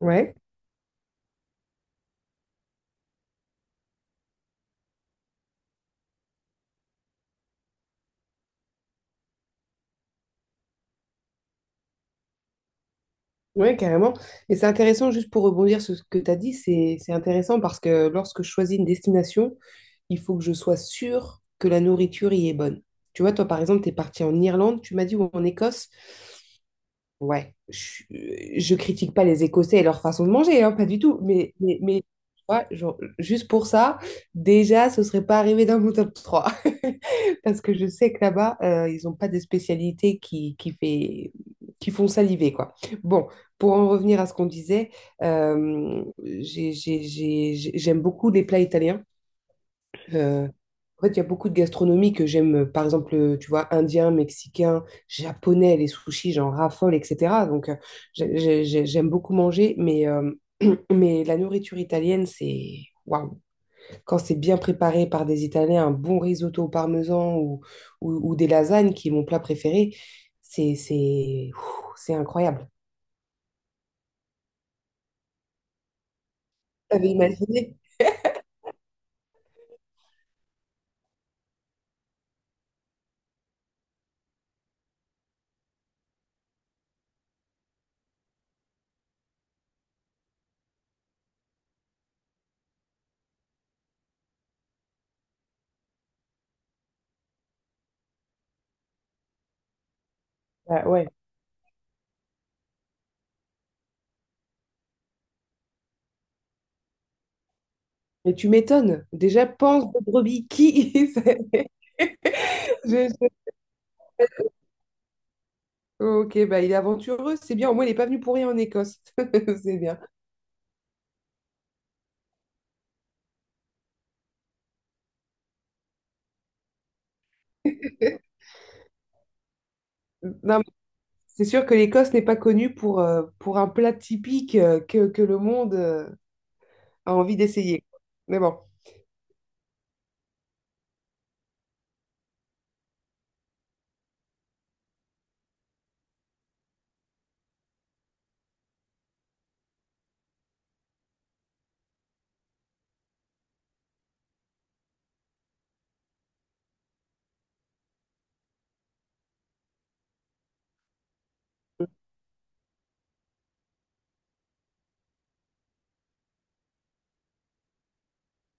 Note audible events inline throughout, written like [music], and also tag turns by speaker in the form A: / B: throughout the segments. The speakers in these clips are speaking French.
A: Ouais, ouais, carrément. Et c'est intéressant, juste pour rebondir sur ce que tu as dit, c'est intéressant parce que lorsque je choisis une destination, il faut que je sois sûre que la nourriture y est bonne. Tu vois, toi, par exemple, tu es parti en Irlande, tu m'as dit, ou en Écosse. Ouais, je critique pas les Écossais et leur façon de manger, hein, pas du tout, mais tu vois, genre, juste pour ça, déjà, ce serait pas arrivé dans mon top 3. [laughs] Parce que je sais que là-bas, ils ont pas des spécialités qui font saliver, quoi. Bon, pour en revenir à ce qu'on disait, j'aime beaucoup les plats italiens. Euh, en fait, il y a beaucoup de gastronomie que j'aime, par exemple, tu vois, indien, mexicain, japonais, les sushis, j'en raffole, etc. Donc, j'aime beaucoup manger, mais, [clears throat] mais la nourriture italienne, c'est. Waouh! Quand c'est bien préparé par des Italiens, un bon risotto au parmesan ou des lasagnes, qui est mon plat préféré, c'est ouh, c'est incroyable. T'avais imaginé? Ah ouais. Mais tu m'étonnes. Déjà, pense de brebis [laughs] c'est- je- Ok, bah il est aventureux, c'est bien. Au moins, il n'est pas venu pour rien en Écosse. [laughs] C'est bien. Non, mais c'est sûr que l'Écosse n'est pas connue pour un plat typique que le monde a envie d'essayer. Mais bon,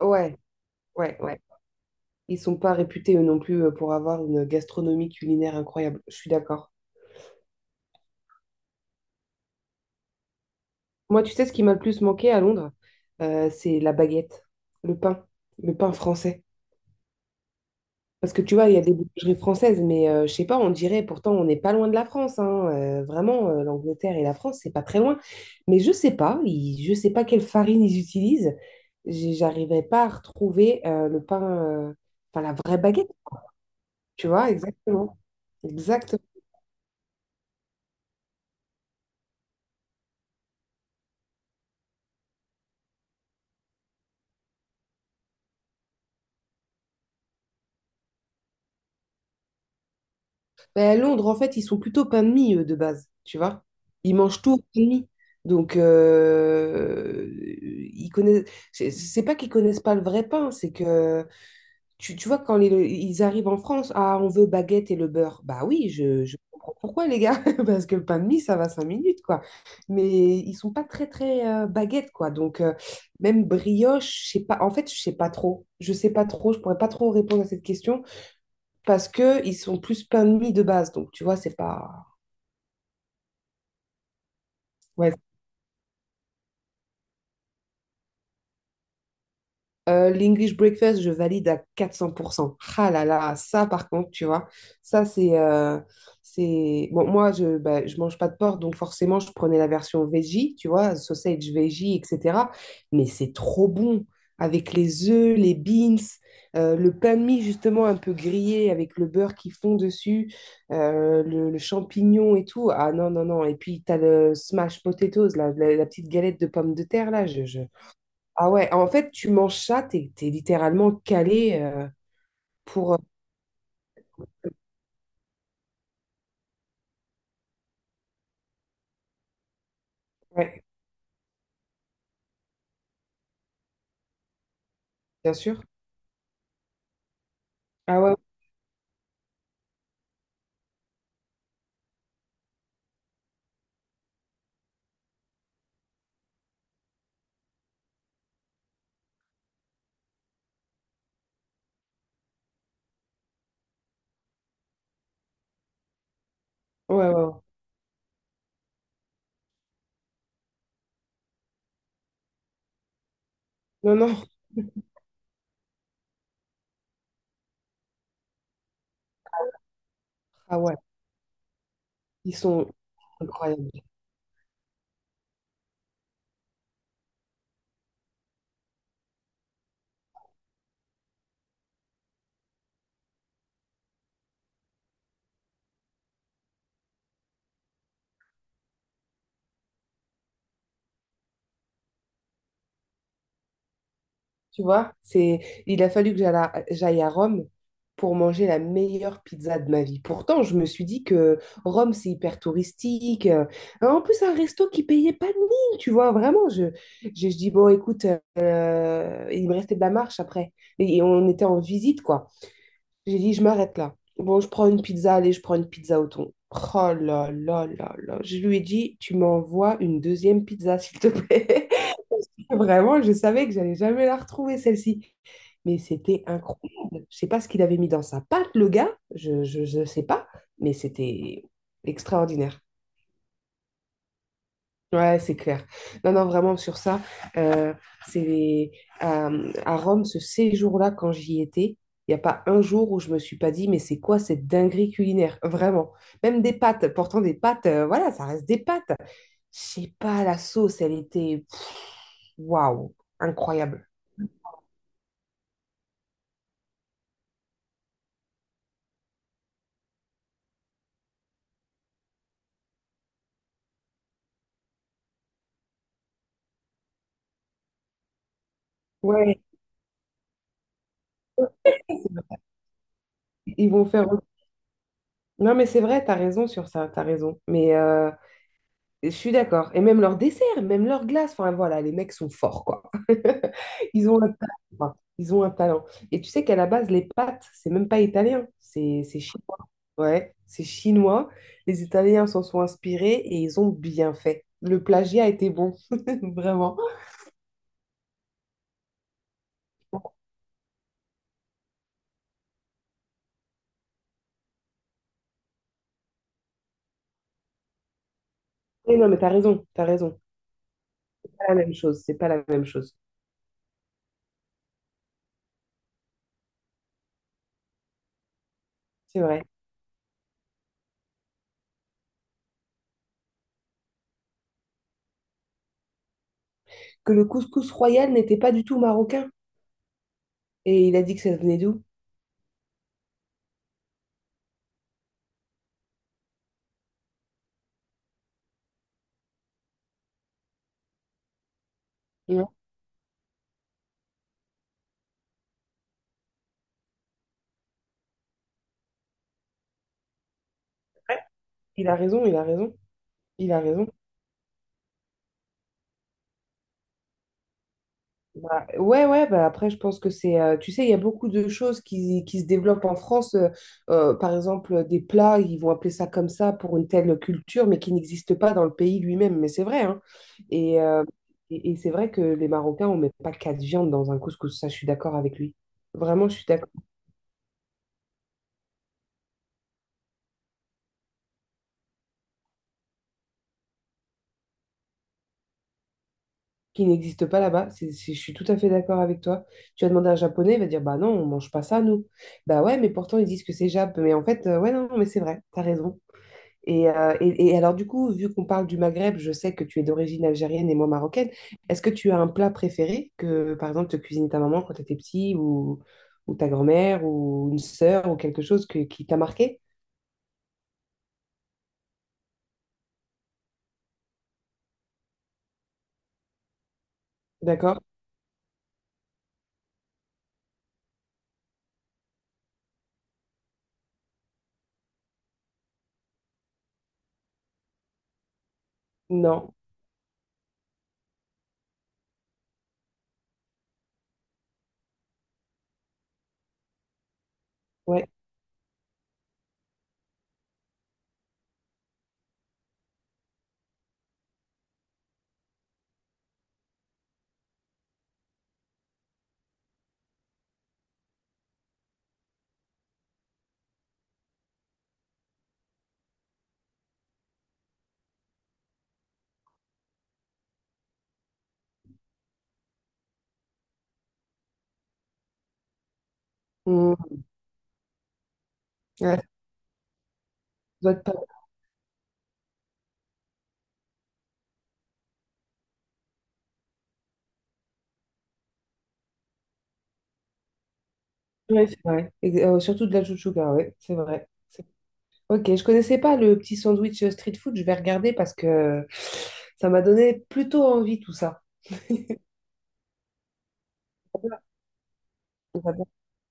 A: ouais, ouais, ouais. Ils sont pas réputés eux non plus pour avoir une gastronomie culinaire incroyable. Je suis d'accord. Moi, tu sais ce qui m'a le plus manqué à Londres? C'est la baguette, le pain, le pain français. Parce que tu vois, il y a des boulangeries françaises, mais je sais pas, on dirait pourtant on n'est pas loin de la France, hein. Vraiment, l'Angleterre et la France, c'est pas très loin. Mais je sais pas, je sais pas quelle farine ils utilisent. J'arrivais pas à retrouver le pain, enfin la vraie baguette, tu vois, exactement. Exact. Mais à Londres, en fait, ils sont plutôt pain de mie, eux, de base, tu vois. Ils mangent tout au pain de mie. Donc, ils connaissent. C'est pas qu'ils connaissent pas le vrai pain, c'est que. Tu vois, quand ils arrivent en France, ah, on veut baguette et le beurre. Bah oui, je comprends pourquoi, les gars, [laughs] parce que le pain de mie, ça va 5 minutes, quoi. Mais ils sont pas très, très baguette, quoi. Donc, même brioche, je sais pas, en fait, je sais pas trop. Je sais pas trop, je pourrais pas trop répondre à cette question parce que ils sont plus pain de mie de base. Donc, tu vois, c'est pas. Ouais. L'English breakfast, je valide à 400%. Ah là là, ça par contre, tu vois, ça c'est. C'est. Bon, moi, je bah, je mange pas de porc, donc forcément, je prenais la version veggie, tu vois, sausage veggie, etc. Mais c'est trop bon avec les œufs, les beans, le pain de mie justement un peu grillé avec le beurre qui fond dessus, le champignon et tout. Ah non, non, non. Et puis, tu as le smash potatoes, la petite galette de pommes de terre, là, ah ouais, en fait, tu manges ça, t'es littéralement calé pour... euh, Ouais, bien sûr. Ah ouais, ouais, ouais. Ouais. Non, non, [laughs] ah ouais, ils sont incroyables. Tu vois, c'est. Il a fallu que j'aille à Rome pour manger la meilleure pizza de ma vie. Pourtant, je me suis dit que Rome, c'est hyper touristique. En plus, un resto qui payait pas de mine, tu vois, vraiment. Je dis, bon, écoute, il me restait de la marche après. Et on était en visite, quoi. J'ai dit, je m'arrête là. Bon, je prends une pizza, allez, je prends une pizza au thon. Oh là là là là. Je lui ai dit, tu m'envoies une deuxième pizza, s'il te plaît. [laughs] Vraiment, je savais que j'allais jamais la retrouver, celle-ci. Mais c'était incroyable. Je sais pas ce qu'il avait mis dans sa pâte, le gars. Je sais pas. Mais c'était extraordinaire. Ouais, c'est clair. Non, non, vraiment, sur ça, euh, c'est à, Rome, ce séjour-là, quand j'y étais, il n'y a pas un jour où je me suis pas dit, mais c'est quoi cette dinguerie culinaire? Vraiment. Même des pâtes, pourtant des pâtes, voilà, ça reste des pâtes. Je sais pas, la sauce, elle était, pff, waouh, incroyable. Ouais, ils vont faire. Non, mais c'est vrai, t'as raison sur ça, t'as raison. Mais je suis d'accord. Et même leur dessert, même leur glace, enfin voilà, les mecs sont forts, quoi. [laughs] Ils ont un talent, quoi. Ils ont un talent. Et tu sais qu'à la base, les pâtes, c'est même pas italien, c'est chinois. Ouais, c'est chinois. Les Italiens s'en sont inspirés et ils ont bien fait. Le plagiat était bon, [laughs] vraiment. Et non, mais t'as raison, t'as raison. C'est pas la même chose, c'est pas la même chose. C'est vrai. Que le couscous royal n'était pas du tout marocain. Et il a dit que ça venait d'où? Non. Ouais, il a raison, il a raison, il a raison. Bah, ouais, ouais, bah après, je pense que c'est. Tu sais, il y a beaucoup de choses qui se développent en France. Par exemple, des plats, ils vont appeler ça comme ça pour une telle culture, mais qui n'existe pas dans le pays lui-même. Mais c'est vrai, hein. Et, euh, et, c'est vrai que les Marocains, on met pas quatre viandes dans un couscous. Ça, je suis d'accord avec lui. Vraiment, je suis d'accord. Qui n'existe pas là-bas. Je suis tout à fait d'accord avec toi. Tu vas demander à un Japonais, il va dire, bah non, on mange pas ça, nous. Bah ouais, mais pourtant, ils disent que c'est Jap. Mais en fait, ouais, non, non, mais c'est vrai, t'as raison. Et, alors, du coup, vu qu'on parle du Maghreb, je sais que tu es d'origine algérienne et moi marocaine. Est-ce que tu as un plat préféré que, par exemple, te cuisine ta maman quand tu étais petit ou, ta grand-mère ou une sœur ou quelque chose qui t'a marqué? D'accord? Non. Ouais. Hmm. Ouais, ça doit être ouais, c'est vrai. Et, surtout de la chouchouka, ouais, c'est vrai. Ok, je connaissais pas le petit sandwich street food, je vais regarder parce que ça m'a donné plutôt envie tout ça. J'adore-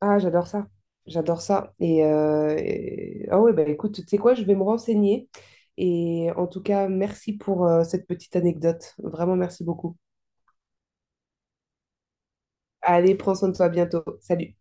A: Ah, j'adore ça. J'adore ça. Ah ouais, bah écoute, tu sais quoi, je vais me renseigner. Et en tout cas, merci pour cette petite anecdote. Vraiment, merci beaucoup. Allez, prends soin de toi à bientôt. Salut.